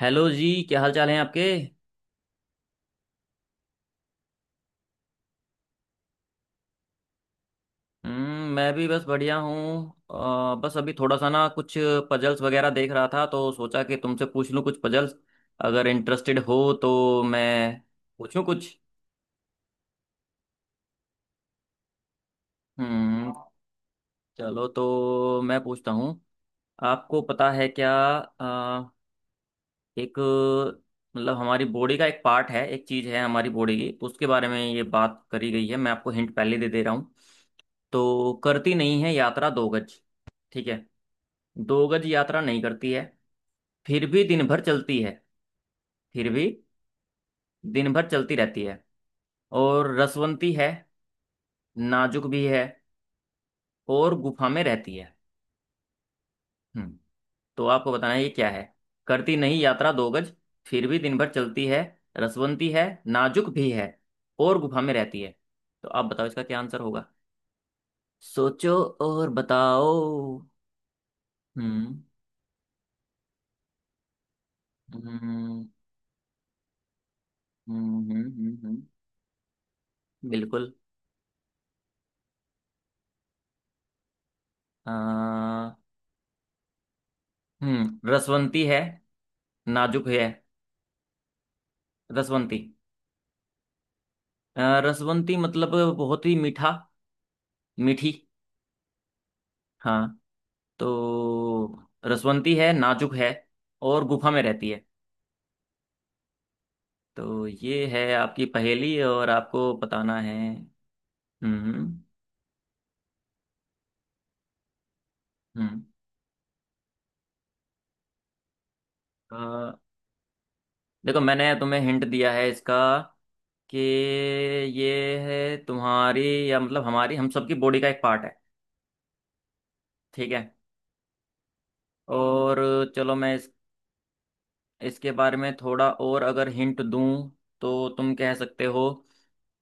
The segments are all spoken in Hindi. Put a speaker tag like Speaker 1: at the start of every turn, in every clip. Speaker 1: हेलो जी, क्या हाल चाल है आपके। मैं भी बस बढ़िया हूँ। बस अभी थोड़ा सा ना कुछ पजल्स वगैरह देख रहा था तो सोचा कि तुमसे पूछ लूँ कुछ पजल्स, अगर इंटरेस्टेड हो तो मैं पूछूँ कुछ। हम्म चलो तो मैं पूछता हूँ। आपको पता है क्या। अ, एक, मतलब हमारी बॉडी का एक पार्ट है, एक चीज़ है हमारी बॉडी की, तो उसके बारे में ये बात करी गई है। मैं आपको हिंट पहले दे दे रहा हूँ। तो करती नहीं है यात्रा दो गज। ठीक है। दो गज यात्रा नहीं करती है, फिर भी दिन भर चलती है। फिर भी दिन भर चलती रहती है, और रसवंती है, नाजुक भी है, और गुफा में रहती है। हम्म। तो आपको बताना है ये क्या है। करती नहीं यात्रा दो गज, फिर भी दिन भर चलती है, रसवंती है नाजुक भी है, और गुफा में रहती है। तो आप बताओ इसका क्या आंसर होगा। सोचो और बताओ। हम्म हम्म हम्म, हम्म, हम्म। बिल्कुल। आ, हम्म, रसवंती है नाजुक है। रसवंती, रसवंती मतलब बहुत ही मीठा, मीठी। हाँ। तो रसवंती है नाजुक है और गुफा में रहती है। तो ये है आपकी पहेली और आपको बताना है। हम्म। हम्म। अ, देखो, मैंने तुम्हें हिंट दिया है इसका, कि ये है तुम्हारी, या मतलब हमारी, हम सबकी बॉडी का एक पार्ट है। ठीक है। और चलो मैं इस, इसके बारे में थोड़ा और अगर हिंट दूं, तो तुम कह सकते हो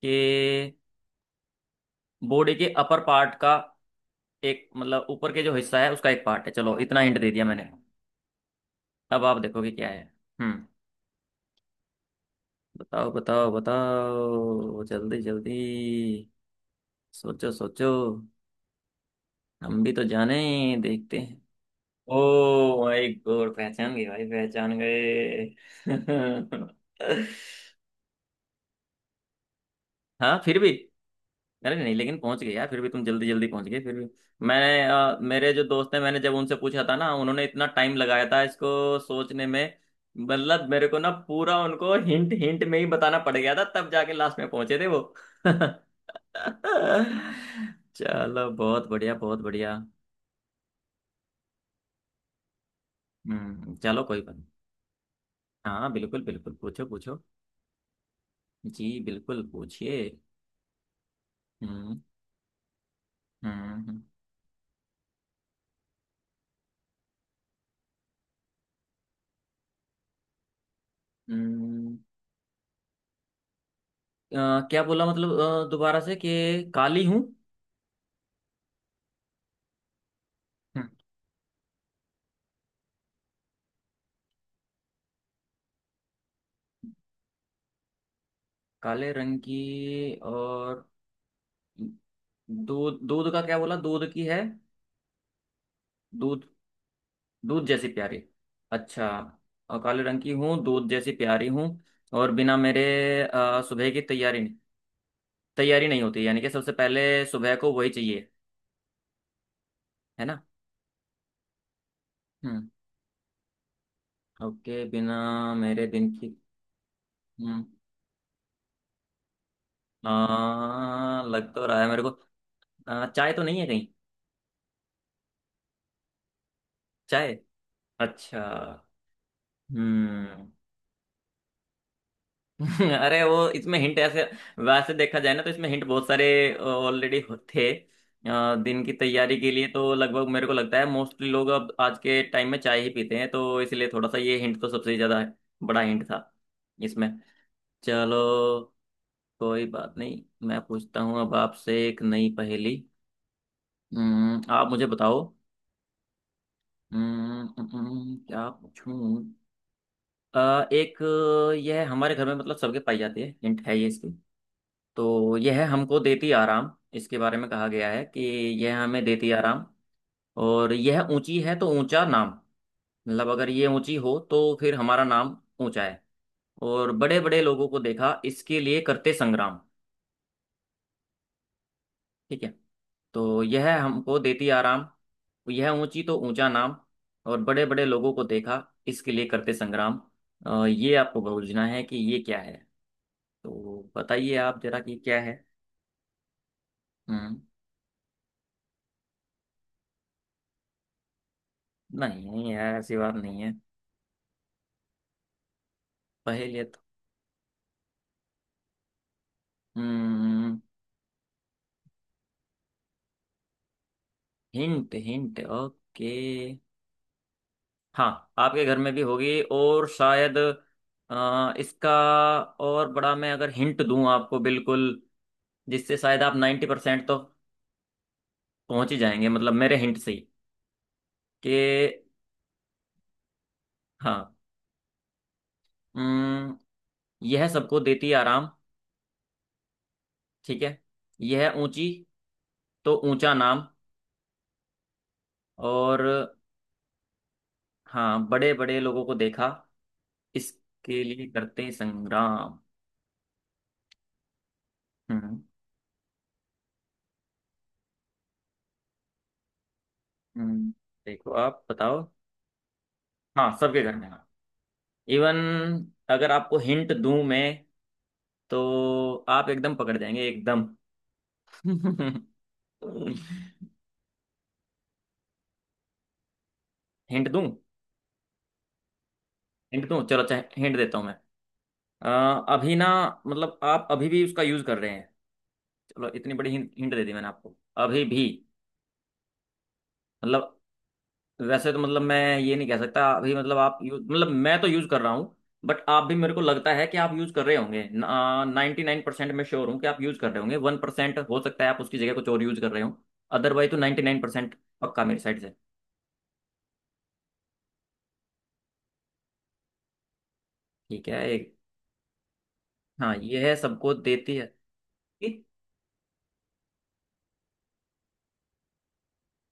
Speaker 1: कि बॉडी के अपर पार्ट का एक, मतलब ऊपर के जो हिस्सा है उसका एक पार्ट है। चलो इतना हिंट दे दिया मैंने। अब आप देखोगे क्या है। हम्म। बताओ बताओ बताओ जल्दी जल्दी। सोचो सोचो। हम भी तो जाने, देखते हैं। ओ माय गॉड, पहचान गए भाई, पहचान गए। हाँ फिर भी। अरे नहीं, लेकिन पहुंच गए यार, फिर भी तुम जल्दी जल्दी पहुंच गए फिर भी। मैंने मेरे जो दोस्त हैं, मैंने जब उनसे पूछा था ना, उन्होंने इतना टाइम लगाया था इसको सोचने में। मतलब मेरे को ना पूरा उनको हिंट हिंट में ही बताना पड़ गया था, तब जाके लास्ट में पहुंचे थे वो। चलो बहुत बढ़िया बहुत बढ़िया। हम्म, चलो कोई बात नहीं। हाँ बिल्कुल बिल्कुल, पूछो पूछो। जी बिल्कुल पूछिए। हम्म। हम्म। हम्म। हम्म। क्या बोला मतलब, दोबारा से कि काली हूँ। हम्म। काले रंग की और, दूध, दूध का क्या बोला, दूध की है। दूध, दूध जैसी प्यारी। अच्छा। और काले रंग की हूँ, दूध जैसी प्यारी हूँ, और बिना मेरे, सुबह की तैयारी नहीं, तैयारी नहीं होती, यानी कि सबसे पहले सुबह को वही चाहिए, है ना। हम्म। ओके, बिना मेरे दिन की, हम्म, लग तो रहा है मेरे को, चाय तो नहीं है कहीं। चाय। अच्छा। हम्म। अरे वो इसमें हिंट ऐसे, वैसे देखा जाए ना तो इसमें हिंट बहुत सारे ऑलरेडी थे। दिन की तैयारी के लिए तो लगभग मेरे को लगता है मोस्टली लोग अब आज के टाइम में चाय ही पीते हैं, तो इसलिए थोड़ा सा ये हिंट तो सबसे ज्यादा बड़ा हिंट था इसमें। चलो कोई बात नहीं। मैं पूछता हूँ अब आपसे एक नई पहेली। आप मुझे बताओ। क्या पूछूं। एक, यह हमारे घर में मतलब सबके पाई जाती है, हिंट है ये इसकी। तो यह हमको देती आराम। इसके बारे में कहा गया है कि यह हमें देती आराम, और यह ऊंची है तो ऊंचा नाम, मतलब अगर ये ऊंची हो तो फिर हमारा नाम ऊंचा है। और बड़े बड़े लोगों को देखा इसके लिए करते संग्राम। ठीक है। तो यह हमको देती आराम, यह ऊंची तो ऊंचा नाम, और बड़े बड़े लोगों को देखा इसके लिए करते संग्राम। ये आपको बूझना है कि ये क्या है। तो बताइए आप जरा कि क्या है। हम्म। नहीं है यार, ऐसी बात नहीं है। पहेलियाँ। हम्म। Hint hint okay. हाँ, आपके घर में भी होगी और शायद, इसका और बड़ा मैं अगर हिंट दूं आपको, बिल्कुल, जिससे शायद आप 90% तो पहुंच ही जाएंगे मतलब मेरे हिंट से ही, कि, हाँ। हम्म, यह सबको देती आराम। ठीक है। यह ऊंची तो ऊंचा नाम, और हाँ, बड़े बड़े लोगों को देखा इसके लिए करते संग्राम। हम्म, हम्म, देखो आप बताओ। हाँ, सबके घर में हाँ। इवन, अगर आपको हिंट दूं मैं, तो आप एकदम पकड़ जाएंगे एकदम। हिंट दूं, हिंट दूं, चलो अच्छा, हिंट देता हूं मैं। अ, अभी ना, मतलब आप अभी भी उसका यूज कर रहे हैं। चलो इतनी बड़ी हिंट हिंट दे दी मैंने आपको। अभी भी, मतलब, वैसे तो मतलब मैं ये नहीं कह सकता अभी, मतलब आप यूज, मतलब मैं तो यूज कर रहा हूँ, बट आप भी मेरे को लगता है कि आप यूज कर रहे होंगे 99%। मैं श्योर हूँ कि आप यूज कर रहे होंगे। 1% हो सकता है आप उसकी जगह कुछ और यूज कर रहे हो, अदरवाइज तो 99% पक्का मेरी साइड से। ठीक है। एक, हाँ, ये है सबको देती है, कि,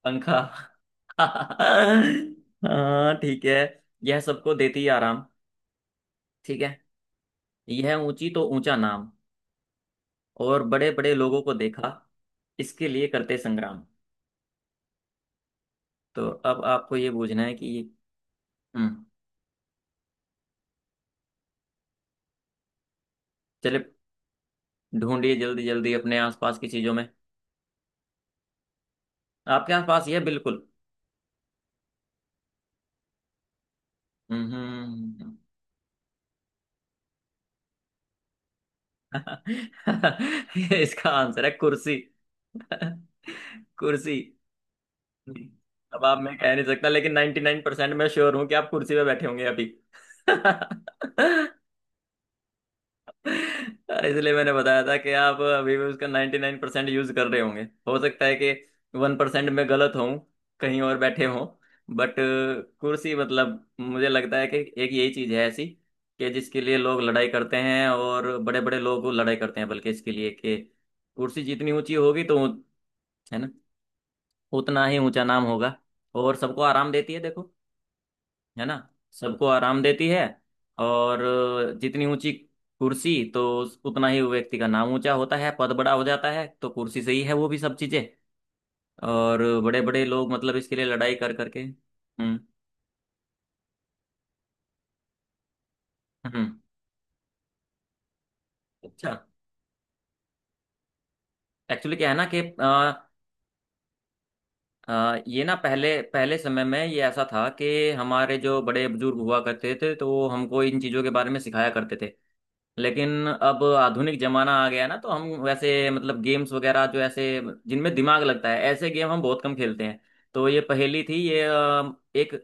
Speaker 1: पंखा। हाँ ठीक है। यह सबको देती है आराम, ठीक है, यह ऊंची तो ऊंचा नाम, और बड़े बड़े लोगों को देखा इसके लिए करते संग्राम। तो अब आपको ये बूझना है कि, हम्म, चले, ढूंढिए जल्दी जल्दी अपने आसपास की चीजों में। आपके आसपास ये बिल्कुल। हम्म। इसका आंसर है कुर्सी। कुर्सी। अब आप, मैं कह नहीं सकता लेकिन 99% मैं श्योर हूं कि आप कुर्सी पे बैठे होंगे अभी। इसलिए मैंने बताया था कि आप अभी भी उसका 99% 9% यूज कर रहे होंगे। हो सकता है कि 1% में गलत हों, कहीं और बैठे हों, बट कुर्सी, मतलब मुझे लगता है कि एक यही चीज है ऐसी कि जिसके लिए लोग लड़ाई करते हैं, और बड़े बड़े लोग लड़ाई करते हैं बल्कि इसके लिए, कि कुर्सी जितनी ऊंची होगी तो, है ना, उतना ही ऊंचा नाम होगा, और सबको आराम देती है देखो, है ना, सबको आराम देती है, और जितनी ऊंची कुर्सी तो उतना ही व्यक्ति का नाम ऊंचा होता है, पद बड़ा हो जाता है, तो कुर्सी से ही है वो भी सब चीजें। और बड़े बड़े लोग मतलब इसके लिए लड़ाई कर करके, हम्म, हम्म, अच्छा। एक्चुअली क्या है ना कि ये ना, पहले पहले समय में ये ऐसा था कि हमारे जो बड़े बुजुर्ग हुआ करते थे, तो वो हमको इन चीजों के बारे में सिखाया करते थे। लेकिन अब आधुनिक जमाना आ गया ना, तो हम वैसे मतलब गेम्स वगैरह जो ऐसे जिनमें दिमाग लगता है, ऐसे गेम हम बहुत कम खेलते हैं। तो ये पहेली थी, ये एक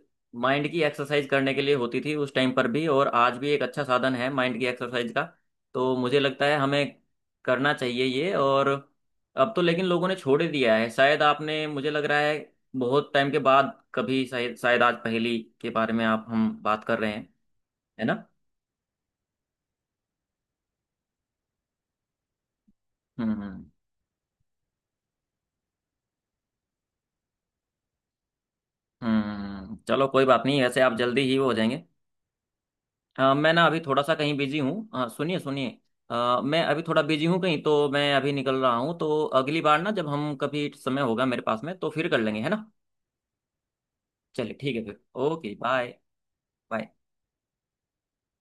Speaker 1: माइंड की एक्सरसाइज करने के लिए होती थी उस टाइम पर भी, और आज भी एक अच्छा साधन है माइंड की एक्सरसाइज का। तो मुझे लगता है हमें करना चाहिए ये, और अब तो लेकिन लोगों ने छोड़ ही दिया है शायद, आपने, मुझे लग रहा है बहुत टाइम के बाद कभी शायद, शायद आज पहेली के बारे में आप हम बात कर रहे हैं, है ना। हम्म हम्म हम्म, चलो कोई बात नहीं, ऐसे आप जल्दी ही वो हो जाएंगे। मैं ना अभी थोड़ा सा कहीं बिजी हूँ, सुनिए सुनिए, मैं अभी थोड़ा बिजी हूँ कहीं, तो मैं अभी निकल रहा हूँ, तो अगली बार ना, जब हम कभी, समय होगा मेरे पास में, तो फिर कर लेंगे, है ना। चलिए ठीक है फिर, ओके बाय। बाय।